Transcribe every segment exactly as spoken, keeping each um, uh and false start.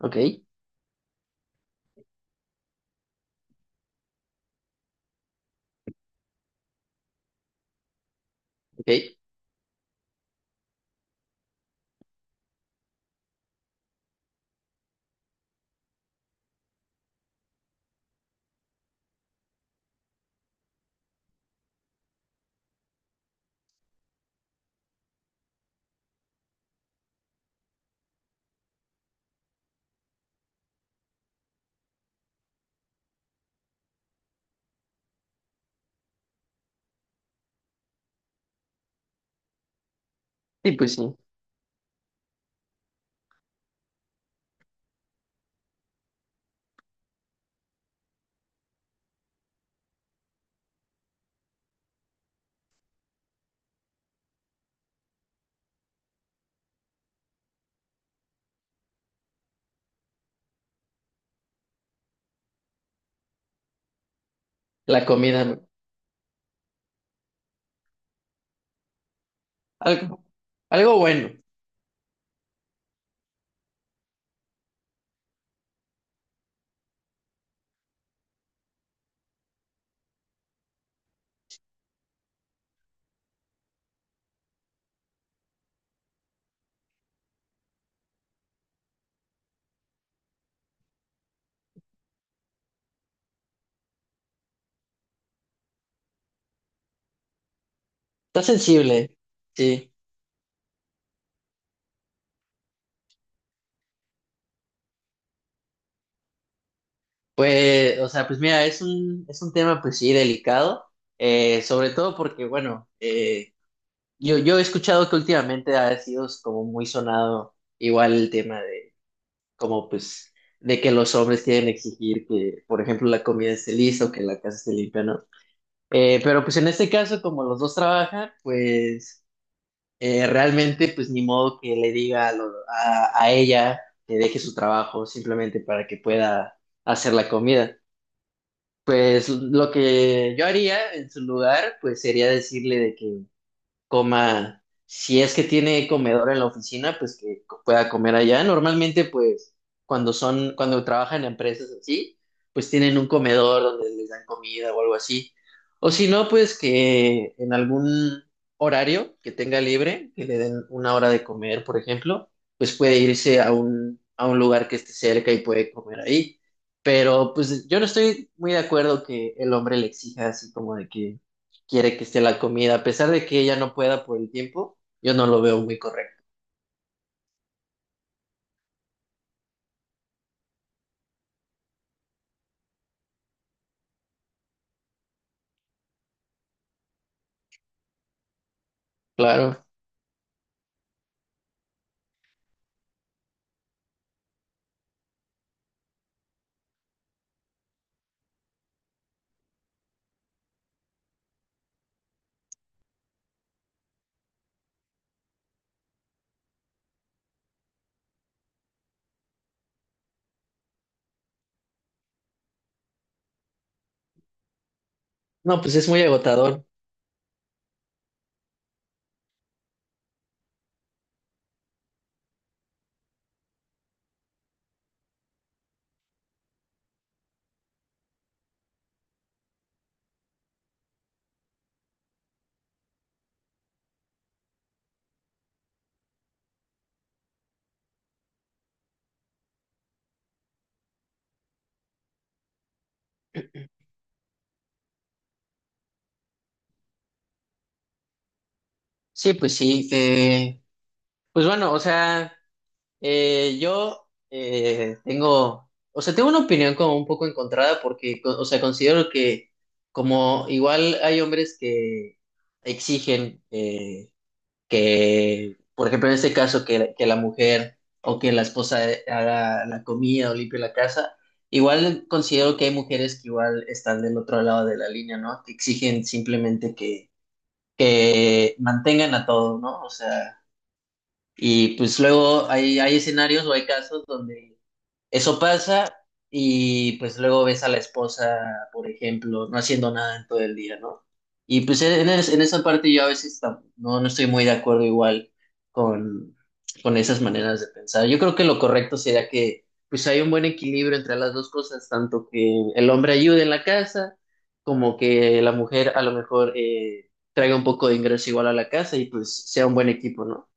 Ok, ok. Sí, pues sí. La comida, ¿no? Algo, algo bueno. Está sensible, sí. Pues, o sea, pues mira, es un, es un tema, pues sí, delicado. Eh, sobre todo porque, bueno, eh, yo, yo he escuchado que últimamente ha sido como muy sonado igual el tema de como, pues, de que los hombres quieren exigir que, por ejemplo, la comida esté lista o que la casa esté limpia, ¿no? Eh, pero pues en este caso, como los dos trabajan, pues eh, realmente, pues ni modo que le diga a, lo- a- a ella que deje su trabajo simplemente para que pueda hacer la comida. Pues lo que yo haría en su lugar, pues sería decirle de que coma, si es que tiene comedor en la oficina, pues que co- pueda comer allá. Normalmente, pues, cuando son, cuando trabajan en empresas así, pues tienen un comedor donde les dan comida o algo así. O si no, pues que en algún horario que tenga libre, que le den una hora de comer, por ejemplo, pues puede irse a un, a un lugar que esté cerca y puede comer ahí. Pero pues yo no estoy muy de acuerdo que el hombre le exija así como de que quiere que esté la comida, a pesar de que ella no pueda por el tiempo, yo no lo veo muy correcto. Claro. No, pues es muy agotador. Sí, pues sí. Eh, pues bueno, o sea, eh, yo eh, tengo, o sea, tengo una opinión como un poco encontrada porque, co- o sea, considero que como igual hay hombres que exigen eh, que, por ejemplo, en este caso, que, la- que la mujer o que la esposa haga la comida o limpie la casa, igual considero que hay mujeres que igual están del otro lado de la línea, ¿no? Que exigen simplemente que, que mantengan a todo, ¿no? O sea, y pues luego hay, hay escenarios o hay casos donde eso pasa y pues luego ves a la esposa, por ejemplo, no haciendo nada en todo el día, ¿no? Y pues en, es- en esa parte yo a veces tam- no, no estoy muy de acuerdo igual con, con esas maneras de pensar. Yo creo que lo correcto sería que pues hay un buen equilibrio entre las dos cosas, tanto que el hombre ayude en la casa como que la mujer a lo mejor eh, traiga un poco de ingreso igual a la casa y pues sea un buen equipo, ¿no?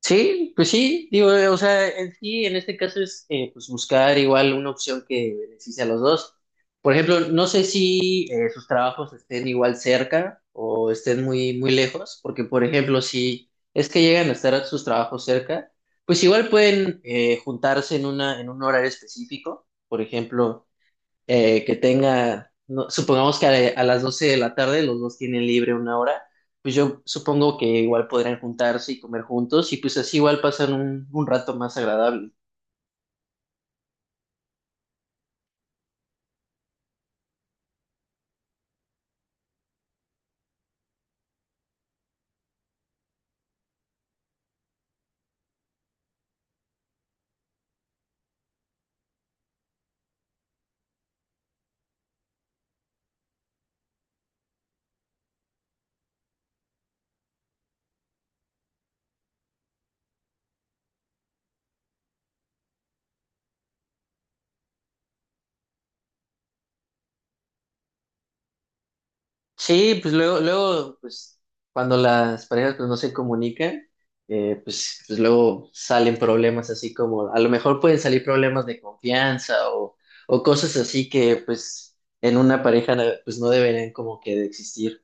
Sí, pues sí, digo, eh, o sea, en sí, en este caso es eh, pues buscar igual una opción que beneficie a los dos. Por ejemplo, no sé si eh, sus trabajos estén igual cerca o estén muy, muy lejos, porque por ejemplo, si es que llegan a estar sus trabajos cerca, pues igual pueden eh, juntarse en una, en un horario específico, por ejemplo eh, que tenga, no- supongamos que a, a las doce de la tarde los dos tienen libre una hora, pues yo supongo que igual podrían juntarse y comer juntos y pues así igual pasan un, un rato más agradable. Sí, pues luego, luego, pues cuando las parejas pues no se comunican, eh, pues, pues luego salen problemas así como, a lo mejor pueden salir problemas de confianza o, o cosas así que pues en una pareja pues no deberían como que de existir.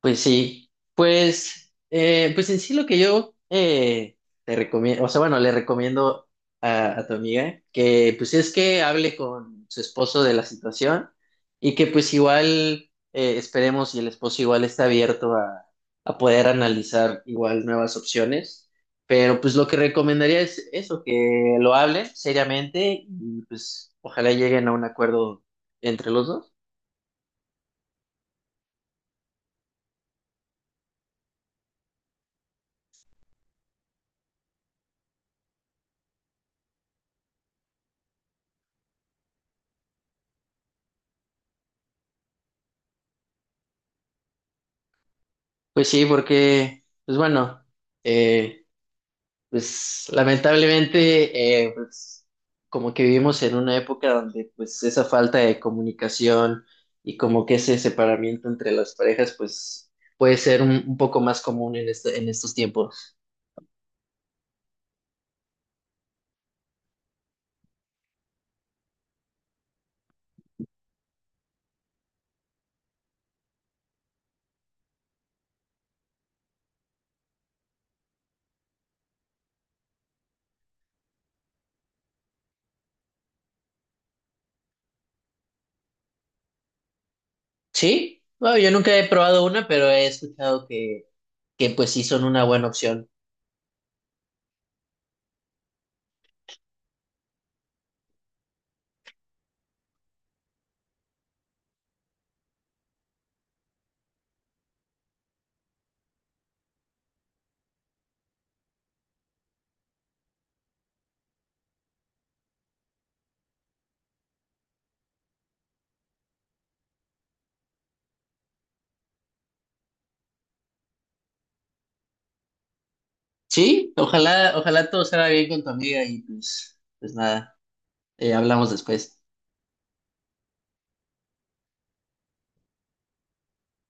Pues sí, pues, eh, pues en sí lo que yo eh, te recomiendo, o sea, bueno, le recomiendo a, a tu amiga que pues es que hable con su esposo de la situación y que pues igual eh, esperemos y el esposo igual está abierto a, a poder analizar igual nuevas opciones, pero pues lo que recomendaría es eso, que lo hablen seriamente y pues ojalá lleguen a un acuerdo entre los dos. Pues sí, porque, pues bueno. Eh, Pues lamentablemente, eh, pues, como que vivimos en una época donde pues esa falta de comunicación y como que ese separamiento entre las parejas pues puede ser un, un poco más común en este- en estos tiempos. Sí, bueno, yo nunca he probado una, pero he escuchado que, que pues sí son una buena opción. Sí, ojalá, ojalá todo salga bien con tu amiga y pues, pues nada, eh, hablamos después.